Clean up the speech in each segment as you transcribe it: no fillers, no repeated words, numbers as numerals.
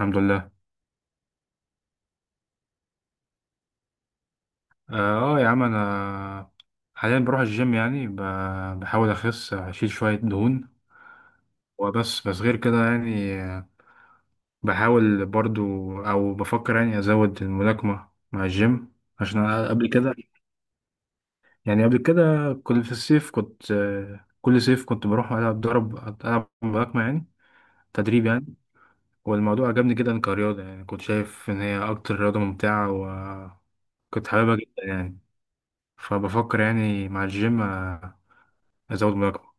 الحمد لله. اه، يا عم انا حاليا بروح الجيم يعني، بحاول اخس اشيل شوية دهون. وبس بس غير كده يعني، بحاول برضو او بفكر يعني ازود الملاكمة مع الجيم. عشان أنا قبل كده، يعني قبل كده كنت في الصيف، كنت كل صيف كنت بروح العب ضرب، العب ملاكمة يعني، تدريب يعني. والموضوع عجبني جدا كرياضة، يعني كنت شايف ان هي اكتر رياضة ممتعة وكنت حاببها جدا يعني. فبفكر يعني مع الجيم ازود مراجعة.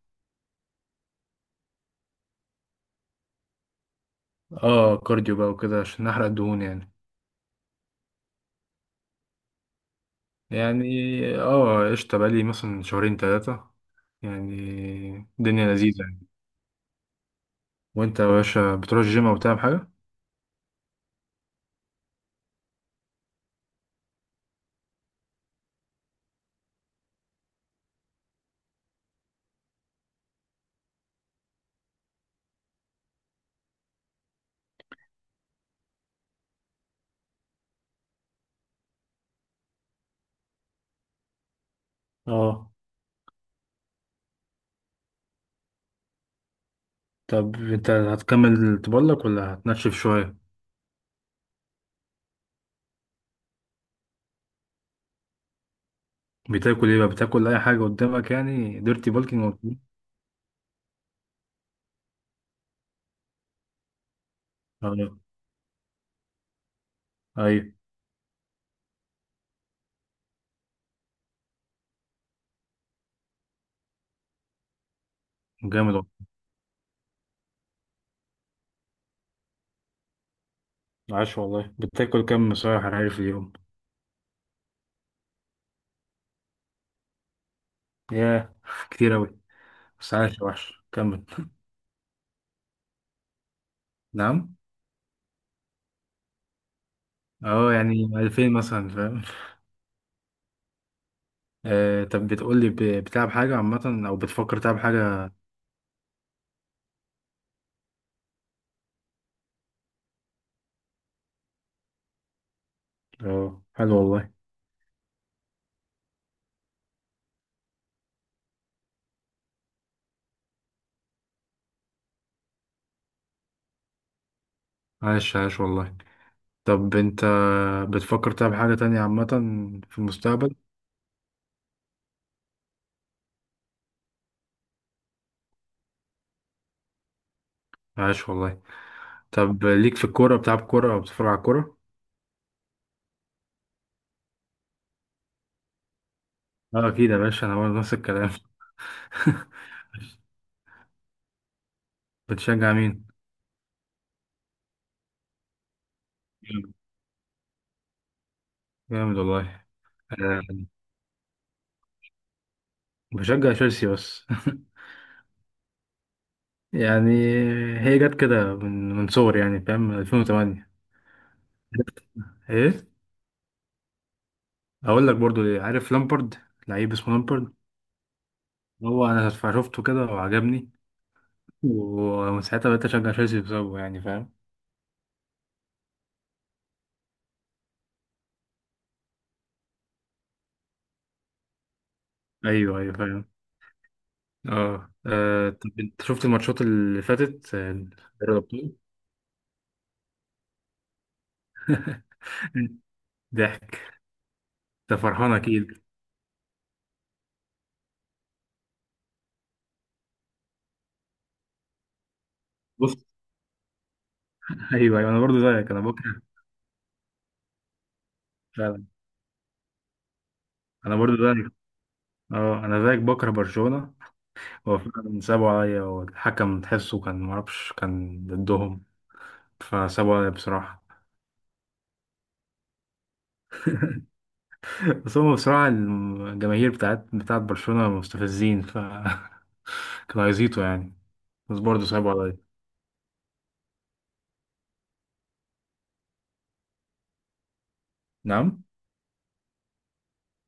اه، كارديو بقى وكده عشان احرق الدهون يعني. يعني اه قشطة، بقالي مثلا شهرين تلاتة يعني. الدنيا لذيذة يعني. وانت يا باشا بتروح الجيم او بتعمل حاجة؟ اه. طب انت هتكمل تبلك ولا هتنشف شوية؟ بتاكل ايه بقى؟ بتاكل اي حاجة قدامك يعني ديرتي بالكينج ولا إيه؟ اه، ايوه. جامد والله. عاش والله. بتاكل كم صحيح حراري في اليوم؟ ياه كتير اوي. بس عاش، وحش كمل. نعم. اه، يعني 2000 مثلا، فاهم. طب بتقول لي، بتلعب حاجة عامة أو بتفكر تلعب حاجة؟ اه حلو والله. عاش عاش والله. طب أنت بتفكر تلعب حاجة تانية عامة في المستقبل؟ عاش والله. طب ليك في الكورة، بتلعب كورة أو بتتفرج على الكورة؟ أه أكيد يا باشا، أنا برضه نفس الكلام. بتشجع مين؟ جامد. جامد والله. آه، بشجع تشيلسي بس يعني هي جت كده من صغري، يعني فاهم، 2008. ايه. اقول لك برضو ليه. عارف لامبرد، لعيب اسمه لامبرد. هو انا شفته كده وعجبني، ومن ساعتها بقيت اشجع تشيلسي بسببه يعني، فاهم. ايوه ايوه، فاهم. اه، طب انت شفت الماتشات اللي فاتت، دوري الابطال. ضحك. انت فرحان اكيد. بص ايوه ايوه، انا برضو زيك انا بكره. فعلا. انا برضو زيك. اه، انا زيك بكره برشلونه. هو فعلا سابوا عليا، والحكم تحسه كان معرفش، كان ضدهم، فسابوا عليا بصراحه. بس هم بصراحة الجماهير بتاعت برشلونة مستفزين، ف كانوا هيزيطوا يعني. بس برضه صعبوا عليا. نعم.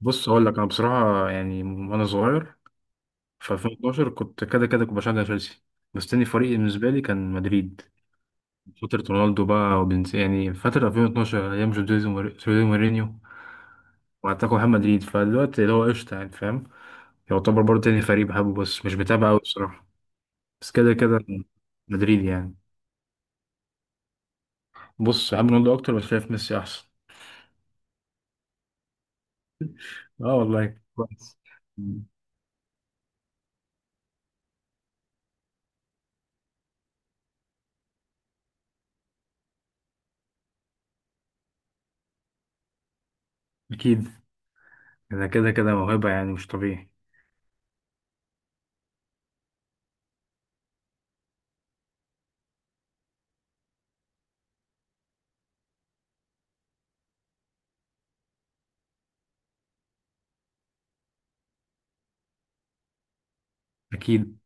بص هقول لك، أنا بصراحة يعني، وأنا صغير في 2012، كنت كده كده كنت بشجع تشيلسي. بس تاني فريق بالنسبة لي كان مدريد. فترة رونالدو بقى وبنز، يعني فترة 2012 أيام جوزيه مورينيو. وأتاكو محمد مدريد، فدلوقتي اللي هو قشطة يعني، فاهم. يعتبر برضه تاني فريق بحبه، بس مش بتابعه أوي بصراحة. بس كده كده مدريد يعني. بص، بحب رونالدو أكتر بس شايف ميسي أحسن. اه والله كويس. مم. اكيد. انا كده كده موهبه يعني مش طبيعي. اكيد.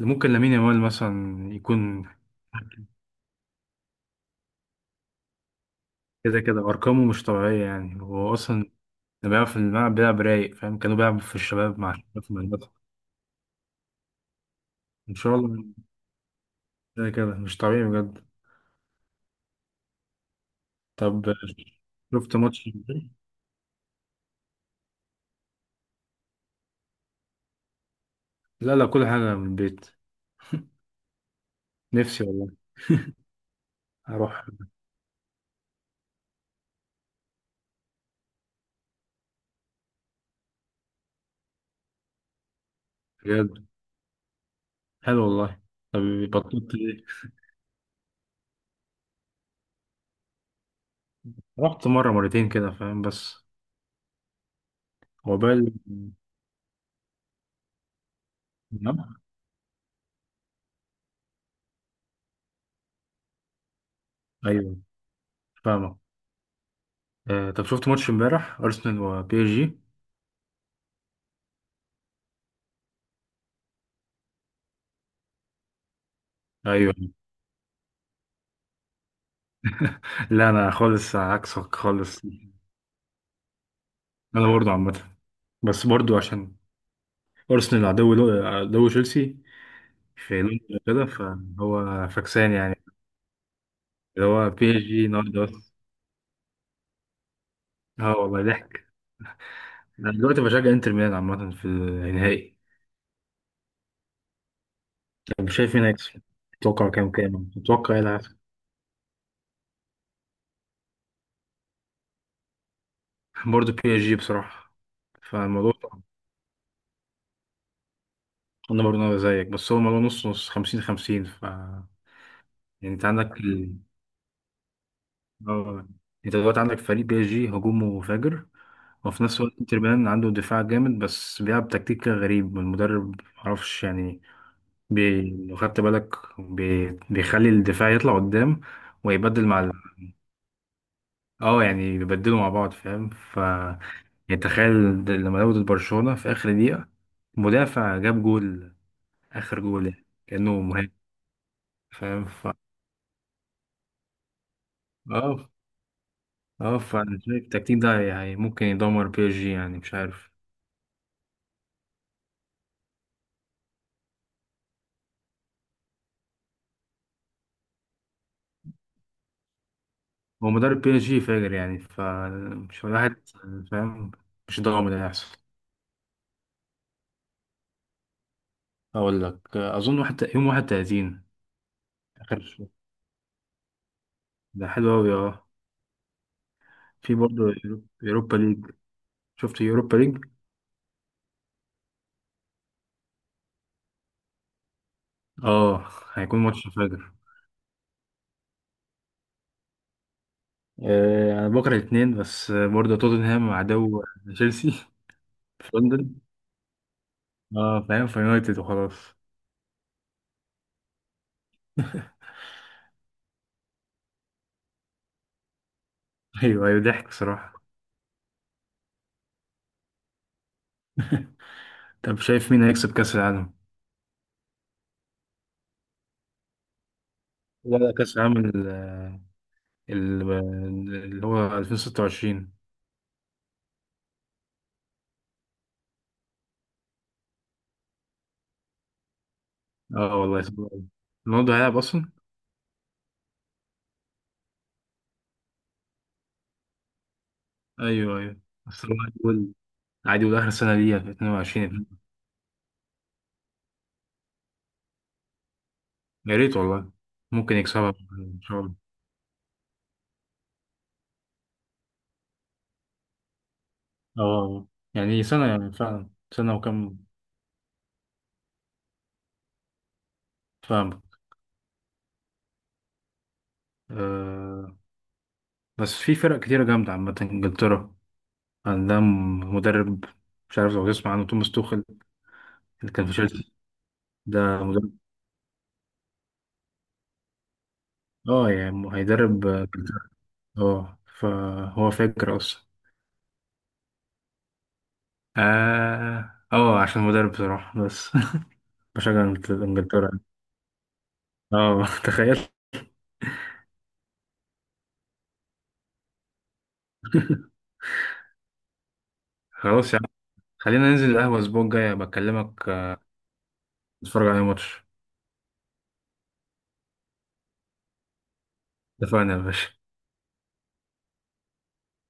ممكن لامين يامال مثلا يكون. كده كده ارقامه مش طبيعيه يعني. هو اصلا اللي بيلعب في الملعب بيلعب رايق، فاهم، كانوا بيلعبوا في الشباب مع الشباب في المدرسه. ان شاء الله. كده كده مش طبيعي بجد. طب شفت ماتش البيت؟ لا لا، كل حاجه من البيت. نفسي والله اروح. بجد. حلو والله. طب بطلت ليه؟ رحت مره مرتين كده، فاهم، بس. عقبال. ايوه فاهمك. طب شفت ماتش امبارح ارسنال وبي اس جي؟ ايوه لا، انا خالص عكسك خالص. انا برضو عامه. بس برضو عشان ارسنال عدو تشيلسي في لندن كده، فهو فكسان يعني. اللي هو بي اس جي النهارده بس. اه والله ضحك. انا دلوقتي بشجع انتر ميلان عامه في النهائي. طب شايف مين هيكسب؟ تتوقع كام تتوقع ايه اللي هيحصل؟ برضو بي اس جي بصراحه. فالموضوع، انا برضو أنا زيك. بس هو الموضوع نص نص، 50 50 ف يعني. انت عندك ال... اه، انت دلوقتي عندك فريق بي اس جي هجومه فاجر. وفي نفس الوقت انتر ميلان عنده دفاع جامد، بس بيلعب تكتيك كده غريب، المدرب معرفش يعني. بي... لو خدت بالك، بي... بيخلي الدفاع يطلع قدام ويبدل مع ال... اه يعني بيبدلوا مع بعض، فاهم، ف يعني تخيل لما لعبوا ضد برشلونة في آخر دقيقة، مدافع جاب جول، آخر جول، يعني كأنه مهاجم. فاهم، ف اه اه، فانا شايف التكتيك ده يعني ممكن يدمر بي اس جي، يعني مش عارف. هو مدرب بي اس جي فاجر يعني، فمش واحد، فاهم. مش ضامن اللي هيحصل. اقول لك، اظن واحد، يوم 31. اخر. ده حلو قوي اه. في برضه يوروبا ليج. شفت يوروبا ليج؟ اه. هيكون ماتش فاجر. انا بكره الاثنين، بس برضه توتنهام عدو تشيلسي في لندن. اه فاهم، في يونايتد وخلاص. ايوه ايوه ضحك صراحه. طب شايف مين هيكسب كاس العالم؟ لا لا، كاس العالم ال- اللي هو 2026. اه والله صعب أوي. رونالدو هيلعب اصلا؟ ايوه ايوه. بس هو عادي يقول، عادي يقول اخر سنه ليها في 22. يا ريت والله. ممكن يكسبها ان شاء الله. اه يعني سنه، يعني فعلا سنه وكم. فاهم. آه، بس في فرق كتيره جامده عامه. انجلترا عندها مدرب، مش عارف لو تسمع عنه، توماس توخل اللي كان في تشيلسي. ده مدرب. اه يعني هيدرب انجلترا. اه فهو فاكر اصلا. اه اه، عشان مدرب بصراحه بس بشجع انجلترا. اه تخيل. خلاص يا عم، خلينا ننزل القهوة الأسبوع الجاي بكلمك، نتفرج على ماتش. اتفقنا يا باشا.